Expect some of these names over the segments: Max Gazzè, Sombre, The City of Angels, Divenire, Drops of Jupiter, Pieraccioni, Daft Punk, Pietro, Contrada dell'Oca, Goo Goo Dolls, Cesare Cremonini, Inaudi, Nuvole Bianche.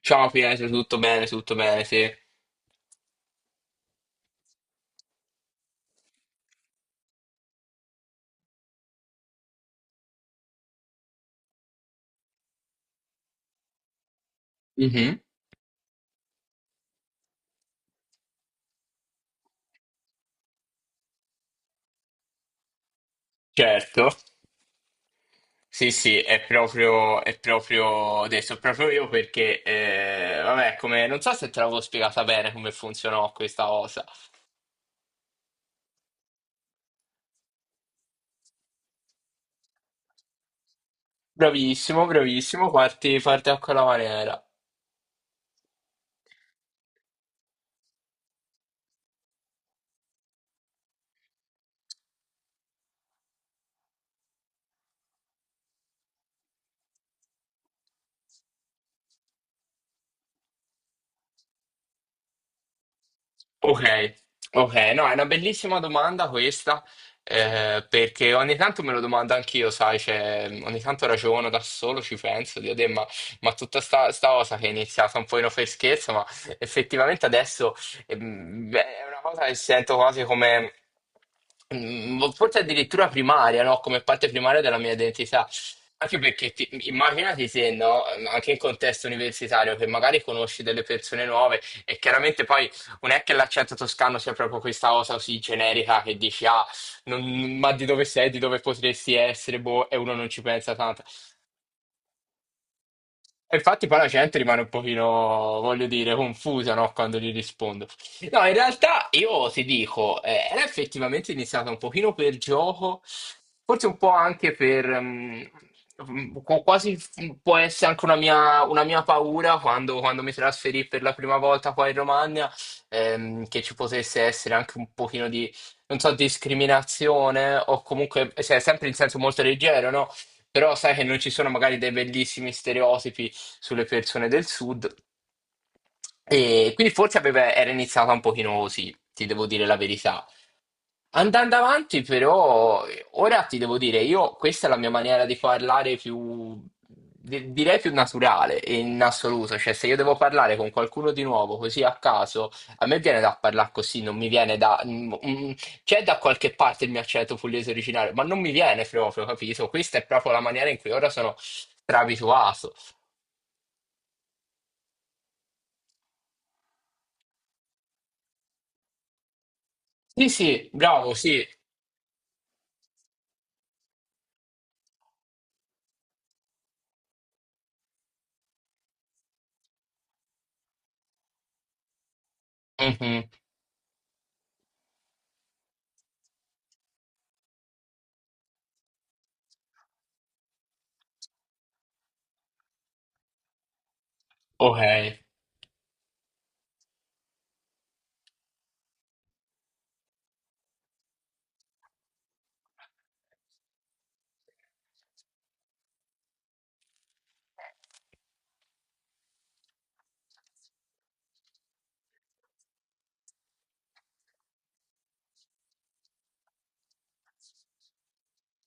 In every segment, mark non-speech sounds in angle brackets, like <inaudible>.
Ciao Pietro, tutto bene, sì. Mhm. Certo, sì, sì, è proprio adesso, proprio io perché, vabbè, come, non so se te l'avevo spiegata bene come funzionò questa cosa. Bravissimo, bravissimo, parti a quella maniera. Ok, ok, no, è una bellissima domanda questa, perché ogni tanto me lo domando anch'io, sai, cioè, ogni tanto ragiono da solo, ci penso, dico, "Deh, ma tutta sta cosa che è iniziata un po' in per scherzo, ma effettivamente adesso beh, è una cosa che sento quasi come, boh, forse addirittura primaria, no? Come parte primaria della mia identità. Anche perché immaginati se, no, anche in contesto universitario, che magari conosci delle persone nuove e chiaramente poi non è che l'accento toscano sia proprio questa cosa così generica che dici, ah, ma di dove sei, di dove potresti essere, boh, e uno non ci pensa tanto. E infatti poi la gente rimane un pochino, voglio dire, confusa, no, quando gli rispondo. No, in realtà io ti dico, era effettivamente iniziata un pochino per gioco, forse un po' anche per può essere anche una mia paura quando, quando mi trasferì per la prima volta qua in Romagna, che ci potesse essere anche un pochino di, non so, discriminazione o comunque, cioè, sempre in senso molto leggero, no? Però sai che non ci sono magari dei bellissimi stereotipi sulle persone del sud. E quindi forse era iniziata un pochino così, ti devo dire la verità. Andando avanti, però, ora ti devo dire, io questa è la mia maniera di parlare più, direi più naturale in assoluto, cioè se io devo parlare con qualcuno di nuovo così a caso, a me viene da parlare così, non mi viene da c'è da qualche parte il mio accento pugliese originale, ma non mi viene proprio, capito? Questa è proprio la maniera in cui ora sono strabituato. Sì, sì, bravo, sì. Mhm. Ok,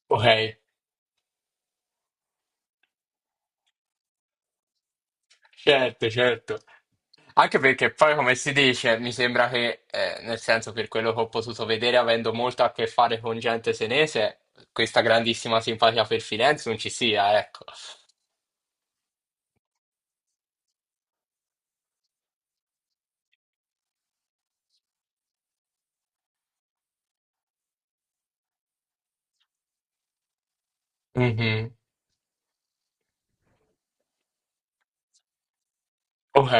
ok. Certo, certo. Anche perché poi, come si dice, mi sembra che, nel senso, per quello che ho potuto vedere, avendo molto a che fare con gente senese, questa grandissima simpatia per Firenze non ci sia, ecco. Mhm. Ok.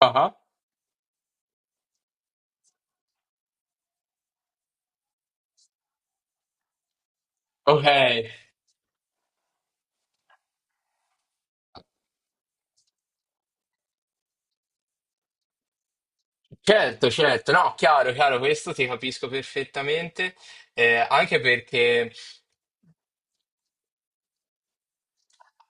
Ah, ok. Certo, certo. No, chiaro, chiaro, questo ti capisco perfettamente. Anche perché.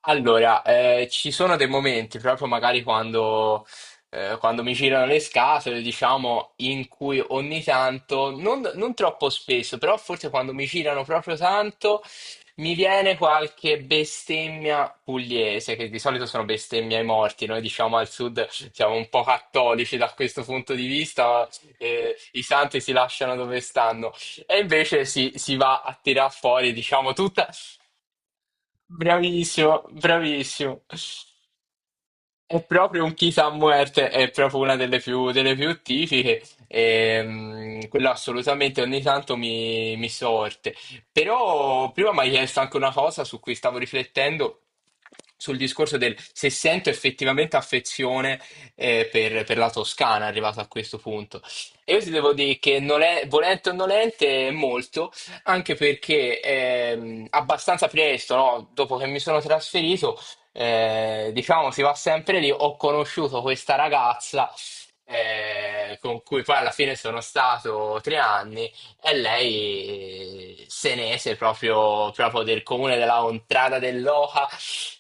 Allora, ci sono dei momenti, proprio magari quando, quando mi girano le scatole, diciamo, in cui ogni tanto, non, non troppo spesso, però forse quando mi girano proprio tanto, mi viene qualche bestemmia pugliese, che di solito sono bestemmie ai morti. Noi diciamo al sud siamo un po' cattolici da questo punto di vista, i santi si lasciano dove stanno. E invece si, si va a tirar fuori, diciamo, tutta. Bravissimo, bravissimo. È proprio un Chisa Muerte, è proprio una delle più tipiche, e, quello assolutamente ogni tanto mi, mi sorte. Però prima mi hai chiesto anche una cosa su cui stavo riflettendo, sul discorso del se sento effettivamente affezione per la Toscana, arrivato a questo punto. E io ti devo dire che non è, volente o nolente, molto, anche perché abbastanza presto, no, dopo che mi sono trasferito, diciamo si va sempre lì. Ho conosciuto questa ragazza con cui poi alla fine sono stato tre anni e lei se ne ese proprio, proprio del comune della Contrada dell'Oca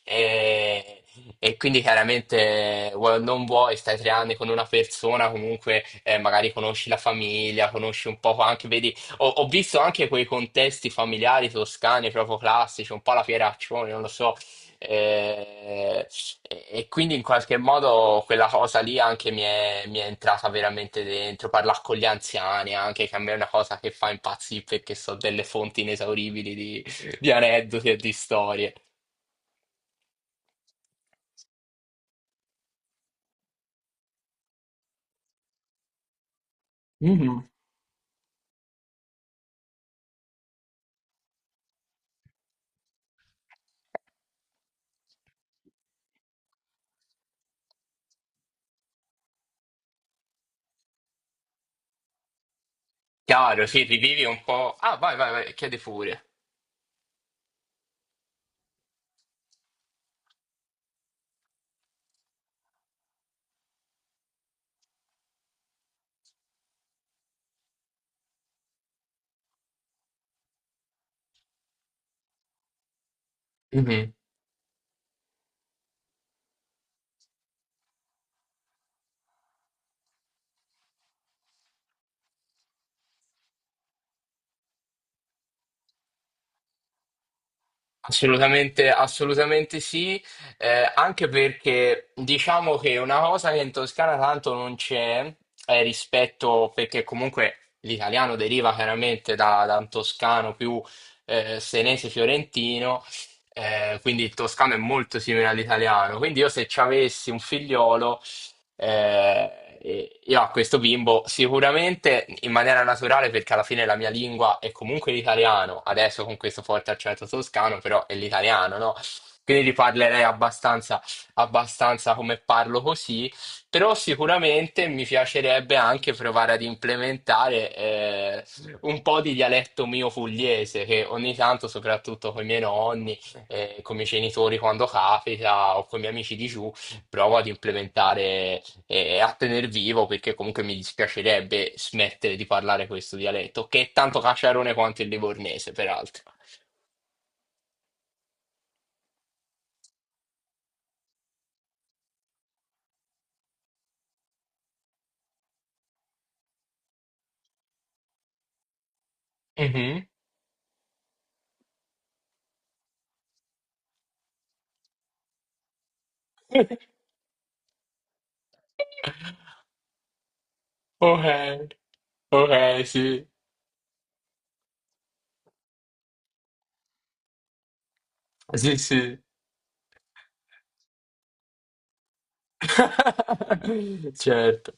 e, e quindi chiaramente vuoi o non vuoi stai tre anni con una persona comunque magari conosci la famiglia, conosci un po' anche, vedi, ho, ho visto anche quei contesti familiari toscani proprio classici, un po' la Pieraccioni, non lo so. Eh, e quindi in qualche modo quella cosa lì anche mi è entrata veramente dentro, parlare con gli anziani anche, che a me è una cosa che fa impazzire perché so delle fonti inesauribili di aneddoti e di storie. Chiaro, sì, rivivi un po'. Ah, vai, vai, vai, chiedi pure. Mhm. Assolutamente, assolutamente sì, anche perché diciamo che una cosa che in Toscana tanto non c'è è rispetto, perché comunque l'italiano deriva chiaramente da, da un toscano più senese fiorentino, quindi il toscano è molto simile all'italiano, quindi io se ci avessi un figliolo eh, e io a questo bimbo sicuramente in maniera naturale, perché alla fine la mia lingua è comunque l'italiano, adesso con questo forte accento toscano, però è l'italiano, no? Quindi li parlerei abbastanza, abbastanza come parlo così, però sicuramente mi piacerebbe anche provare ad implementare un po' di dialetto mio pugliese, che ogni tanto, soprattutto con i miei nonni, con i miei genitori quando capita, o con i miei amici di giù, provo ad implementare e a tener vivo perché comunque mi dispiacerebbe smettere di parlare questo dialetto, che è tanto caciarone quanto il livornese, peraltro. Mhm. <laughs> Ok, ok, sì, sì, sì. <laughs> Certo,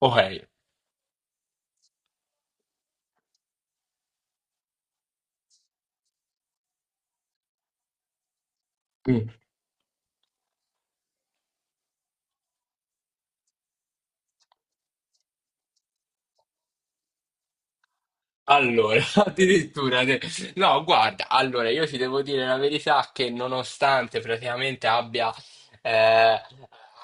ok. Mm. Allora, <laughs> addirittura, no, guarda, allora io ti devo dire la verità che nonostante praticamente abbia, eh,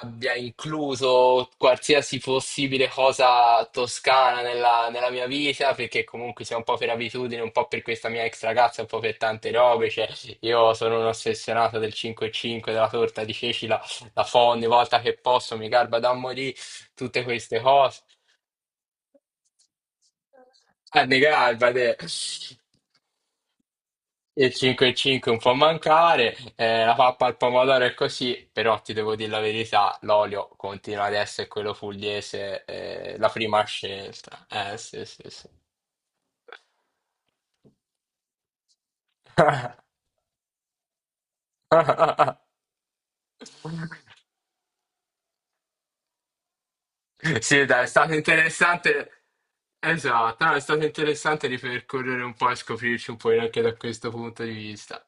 abbia incluso qualsiasi possibile cosa toscana nella, nella mia vita, perché comunque sia un po' per abitudine, un po' per questa mia ex ragazza, un po' per tante robe, cioè io sono un ossessionato del 5 e 5, della torta di ceci, la, la fo ogni volta che posso, mi garba da morire, tutte queste cose. Ah, mi garba, te. Il 5 e 5 un po' a mancare, la pappa al pomodoro è così, però ti devo dire la verità, l'olio continua ad essere quello pugliese, la prima scelta. Eh sì, sì, sì. <laughs> Sì, dai, è stato interessante. Esatto, no, è stato interessante ripercorrere un po' e scoprirci un po' anche da questo punto di vista.